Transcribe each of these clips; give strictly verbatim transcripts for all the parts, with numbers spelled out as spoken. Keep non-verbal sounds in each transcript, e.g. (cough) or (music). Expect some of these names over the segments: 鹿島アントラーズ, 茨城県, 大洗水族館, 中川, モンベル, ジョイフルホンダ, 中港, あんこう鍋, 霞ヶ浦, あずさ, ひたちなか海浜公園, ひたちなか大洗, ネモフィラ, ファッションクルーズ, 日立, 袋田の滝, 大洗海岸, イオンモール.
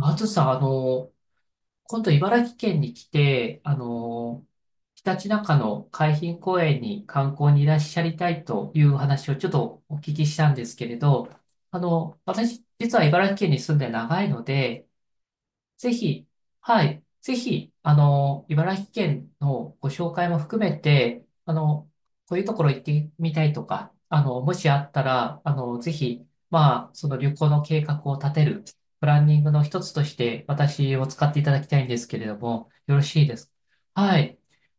あずさん、あの、今度茨城県に来て、あの、ひたちなかの海浜公園に観光にいらっしゃりたいという話をちょっとお聞きしたんですけれど、あの、私、実は茨城県に住んで長いので、ぜひ、はい、ぜひ、あの、茨城県のご紹介も含めて、あの、こういうところ行ってみたいとか、あの、もしあったら、あの、ぜひ、まあ、その旅行の計画を立てる、プランニングの一つとして、私を使っていただきたいんですけれども、よろしいですか？はい。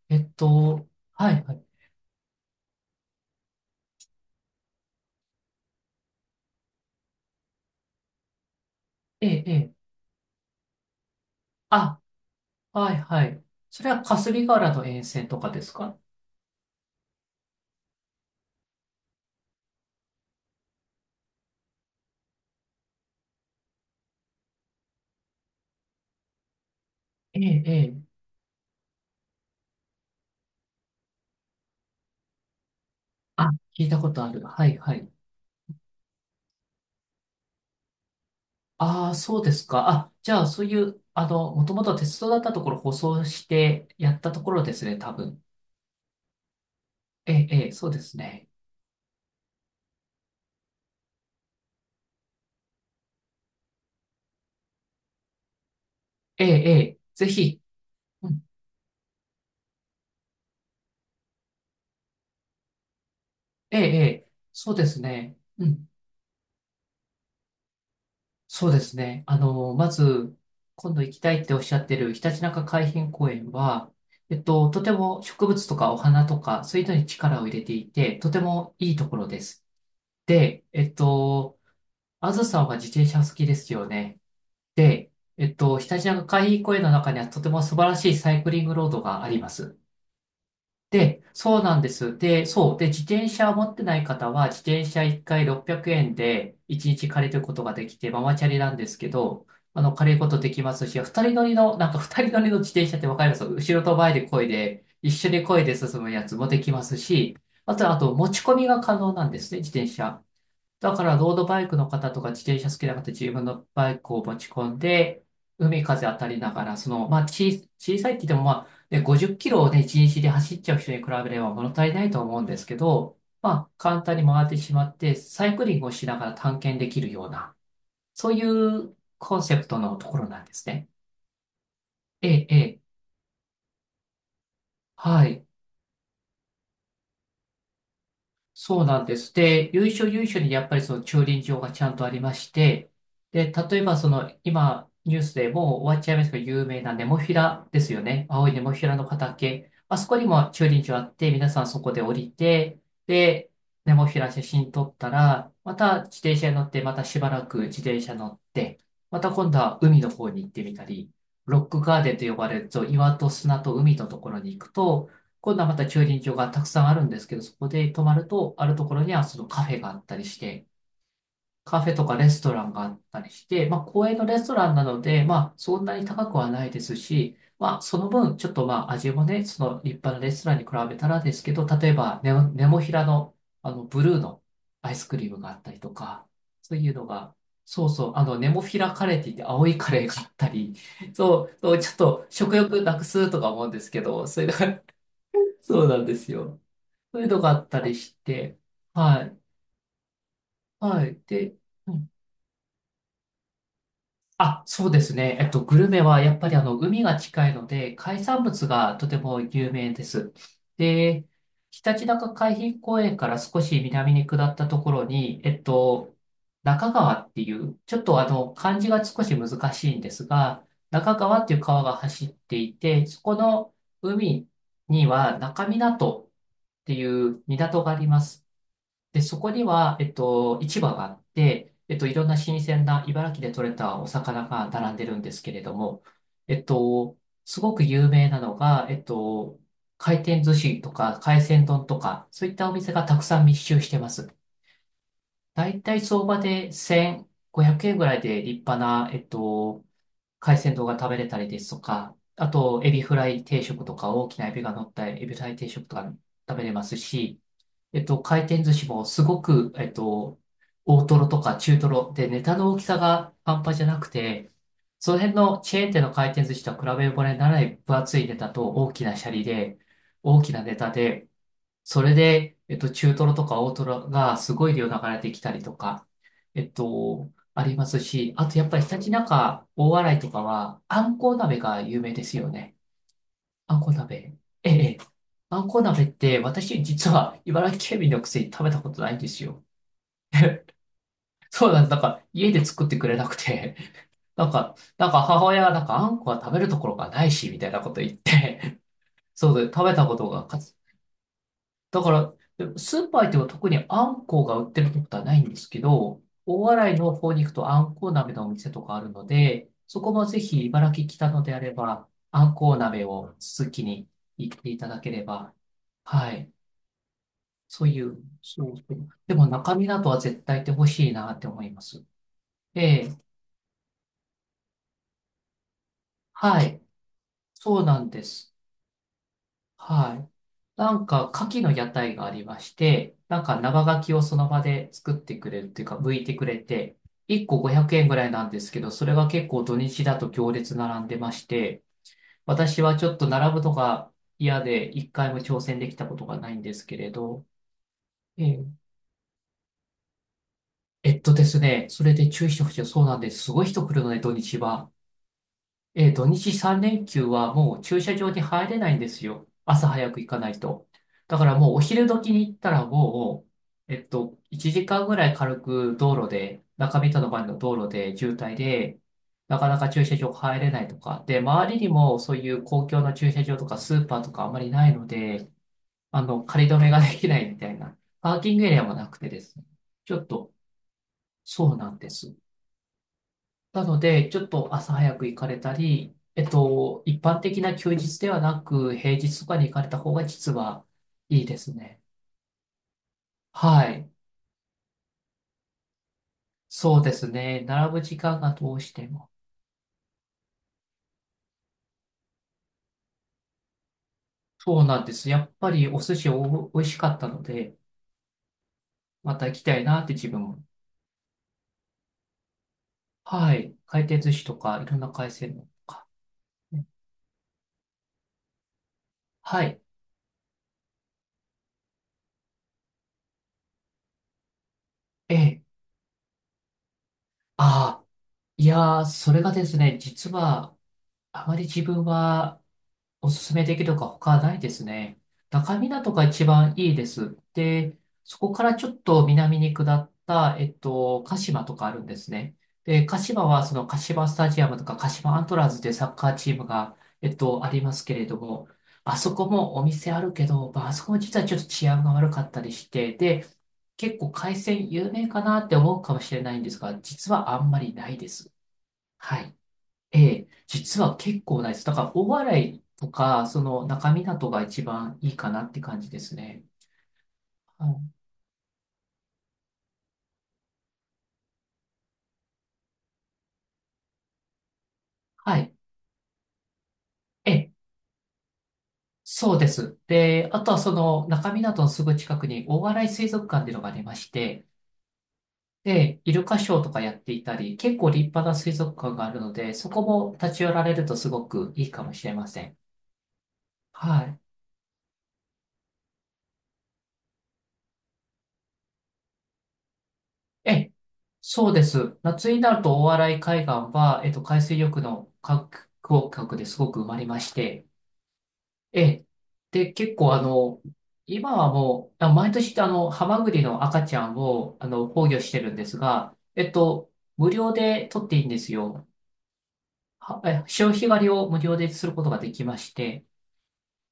えっと、はい、はい。ええ、ええ。あ、はい、はい。それは霞ヶ浦の沿線とかですか？ええ、ええ。あ、聞いたことある。はい、はい。ああ、そうですか。あ、じゃあ、そういう、あの、もともと鉄道だったところ舗装してやったところですね、多分。ええ、ええ、そうですね。ええ、ええ、ぜひ。うん。ええ、ええ、そうですね。うん。そうですね。あの、まず、今度行きたいっておっしゃってるひたちなか海浜公園は、えっと、とても植物とかお花とか、そういうのに力を入れていて、とてもいいところです。で、えっと、あずさんは自転車好きですよね。で、えっと、ひたちなか海浜公園の中にはとても素晴らしいサイクリングロードがあります。で、そうなんです。で、そう。で、自転車を持ってない方は、自転車いっかいろっぴゃくえんでいちにち借りることができて、ママチャリなんですけど、あの、借りることできますし、二人乗りの、なんか二人乗りの自転車ってわかります？後ろと前で漕いで、一緒に漕いで進むやつもできますし、あと、あと、持ち込みが可能なんですね、自転車。だからロードバイクの方とか自転車好きな方自分のバイクを持ち込んで、海風当たりながら、その、まあ、ち、小さいって言っても、まあ、ね、ごじゅっキロをね、一日で走っちゃう人に比べれば物足りないと思うんですけど、まあ、簡単に回ってしまって、サイクリングをしながら探検できるような、そういうコンセプトのところなんですね。ええ、ええ、はい。そうなんです。で、由緒由緒にやっぱりその駐輪場がちゃんとありまして、で、例えばその今ニュースでもう終わっちゃいますけど、有名なネモフィラですよね。青いネモフィラの畑。あそこにも駐輪場あって、皆さんそこで降りて、で、ネモフィラ写真撮ったら、また自転車に乗って、またしばらく自転車乗って、また今度は海の方に行ってみたり、ロックガーデンと呼ばれると、岩と砂と海のところに行くと、今度はまた駐輪場がたくさんあるんですけど、そこで泊まると、あるところにはそのカフェがあったりして、カフェとかレストランがあったりして、まあ、公園のレストランなので、まあ、そんなに高くはないですし、まあ、その分、ちょっとまあ、味もね、その立派なレストランに比べたらですけど、例えばネモ、ネモフィラの、あの、ブルーのアイスクリームがあったりとか、そういうのが、そうそう、あの、ネモフィラカレーって言って青いカレーがあったり、そう、そうちょっと食欲なくすとか思うんですけど、そういうのが、(laughs) そうなんですよ。そういうのがあったりして、はい、はい。で、うんあ、そうですね。えっと、グルメはやっぱりあの、海が近いので、海産物がとても有名です。で、ひたちなか海浜公園から少し南に下ったところに、えっと、中川っていう、ちょっとあの、漢字が少し難しいんですが、中川っていう川が走っていて、そこの海には中港っていう港があります。で、そこには、えっと、市場があって、えっと、いろんな新鮮な茨城で採れたお魚が並んでるんですけれども、えっと、すごく有名なのが、えっと、回転寿司とか海鮮丼とか、そういったお店がたくさん密集してます。だいたい相場でせんごひゃくえんぐらいで立派な、えっと、海鮮丼が食べれたりですとか、あと、エビフライ定食とか、大きなエビが乗ったエビフライ定食とか食べれますし、えっと、回転寿司もすごく、えっと、大トロとか中トロでネタの大きさが半端じゃなくて、その辺のチェーン店の回転寿司とは比べ物にならない分厚いネタと大きなシャリで、大きなネタで、それで、えっと、中トロとか大トロがすごい量流れてきたりとか、えっと、ありますし、あとやっぱりひたちなか大洗とかは、あんこう鍋が有名ですよね。あんこ鍋。ええ。ええあんこ鍋って、私実は茨城県民のくせに食べたことないんですよ。そうなんです。なんか家で作ってくれなくて、(laughs) なんか、なんか母親がなんかあんこは食べるところがないし、みたいなこと言って、(laughs) そうで食べたことがかつ、だから、でもスーパー行っても特にあんこが売ってるってことはないんですけど、大洗の方に行くとあんこ鍋のお店とかあるので、そこもぜひ茨城来たのであれば、あんこ鍋を続きに行っていただければ、はい。そういう、そうそう。でも中身などは絶対ってほしいなって思います。ええ、はい。そうなんです。はい。なんか、牡蠣の屋台がありまして、なんか生牡蠣をその場で作ってくれるっていうか、剥いてくれて、いっこごひゃくえんぐらいなんですけど、それが結構土日だと行列並んでまして、私はちょっと並ぶのが嫌で、一回も挑戦できたことがないんですけれど、ええ、えっとですね、それで注意してほしい。そうなんです。すごい人来るので、土日は。えー、土日さん連休はもう駐車場に入れないんですよ。朝早く行かないと。だからもうお昼時に行ったらもう、えっと、いちじかんぐらい軽く道路で、中見との前の道路で渋滞で、なかなか駐車場入れないとか。で、周りにもそういう公共の駐車場とかスーパーとかあんまりないので、あの、仮止めができないみたいな。パーキングエリアもなくてですね。ちょっと、そうなんです。なので、ちょっと朝早く行かれたり、えっと、一般的な休日ではなく、平日とかに行かれた方が実はいいですね。はい。そうですね。並ぶ時間がどうしても。そうなんです。やっぱりお寿司お美味しかったので、また行きたいなって自分も。はい。回転寿司とか、いろんな海鮮のとか。ねはい。ええ。ああ、いやー、それがですね、実は、あまり自分はおすすめできるか他ないですね。中港が一番いいです。で、そこからちょっと南に下った、えっと、鹿島とかあるんですね。で、鹿島はその鹿島スタジアムとか鹿島アントラーズでサッカーチームが、えっと、ありますけれども、あそこもお店あるけど、まあ、あそこも実はちょっと治安が悪かったりして、で、結構海鮮有名かなって思うかもしれないんですが、実はあんまりないです。はい。ええ、実は結構ないです。だから、大洗とか、その中港が一番いいかなって感じですね。はい。はい、ええ、そうです。で、あとはその中港のすぐ近くに大洗水族館っていうのがありまして、で、イルカショーとかやっていたり、結構立派な水族館があるので、そこも立ち寄られるとすごくいいかもしれません。はい。ええ、そうです。夏になると大洗海岸は、えっと、海水浴の観光客ですごく埋まりまして、ええ。で、結構あの、今はもう、あ、毎年あの、ハマグリの赤ちゃんを、あの、放魚してるんですが、えっと、無料で取っていいんですよ。は、え、潮干狩りを無料ですることができまして、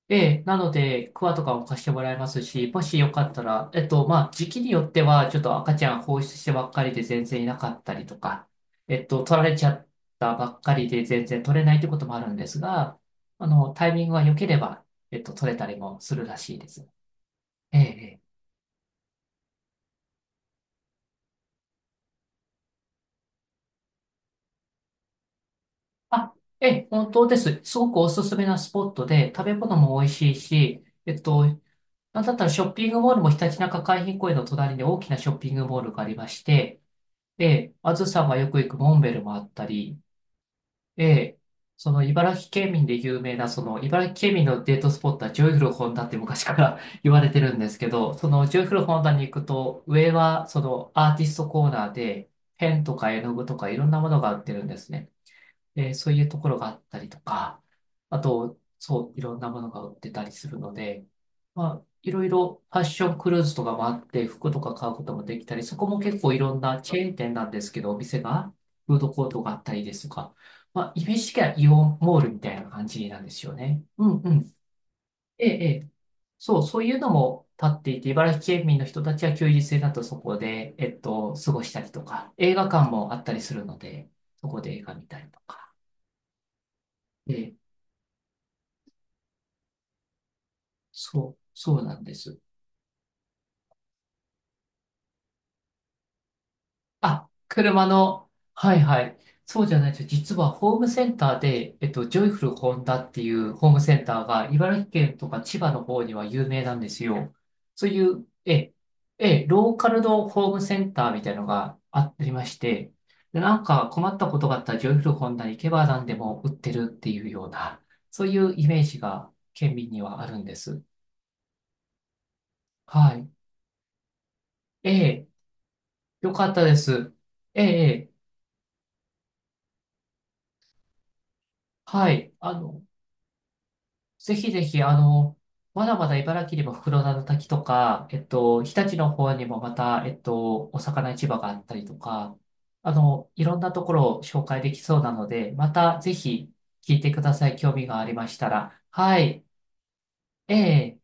ええ、なので、クワとかも貸してもらえますし、もしよかったら、えっと、まあ、時期によっては、ちょっと赤ちゃん放出してばっかりで全然いなかったりとか、えっと、取られちゃったばっかりで全然取れないってこともあるんですが、あの、タイミングが良ければ、えっと、取れたりもするらしいです。ええ、ええ、あ、ええ、本当です。すごくおすすめなスポットで、食べ物も美味しいし、えっと、なんだったらショッピングモールもひたちなか海浜公園の隣に大きなショッピングモールがありまして、で、あずさんがよく行くモンベルもあったり、で、その茨城県民で有名な、その茨城県民のデートスポットはジョイフルホンダって昔から (laughs) 言われてるんですけど、そのジョイフルホンダに行くと、上はそのアーティストコーナーで、ペンとか絵の具とかいろんなものが売ってるんですね。で、そういうところがあったりとか、あと、そう、いろんなものが売ってたりするので、まあ、いろいろファッションクルーズとかもあって、服とか買うこともできたり、そこも結構いろんなチェーン店なんですけど、お店が、フードコートがあったりですとか、まあ、イメージ的にはイオンモールみたいな感じなんですよね。うんうん。ええ、ええ。そう、そういうのも立っていて、茨城県民の人たちは休日になるとそこで、えっと、過ごしたりとか、映画館もあったりするので、そこで映画見たりとか。ええ、そう、そうなんです。あ、車の、はいはい。そうじゃないです。実はホームセンターで、えっと、ジョイフルホンダっていうホームセンターが、茨城県とか千葉の方には有名なんですよ。そういう、え、え、ローカルのホームセンターみたいのがありまして、で、なんか困ったことがあったらジョイフルホンダに行けば何でも売ってるっていうような、そういうイメージが県民にはあるんです。はい。ええ、よかったです。ええ、ええ、はい。あの、ぜひぜひ、あの、まだまだ茨城にも袋田の滝とか、えっと、日立の方にもまた、えっと、お魚市場があったりとか、あの、いろんなところを紹介できそうなので、またぜひ聞いてください。興味がありましたら。はい。ええ。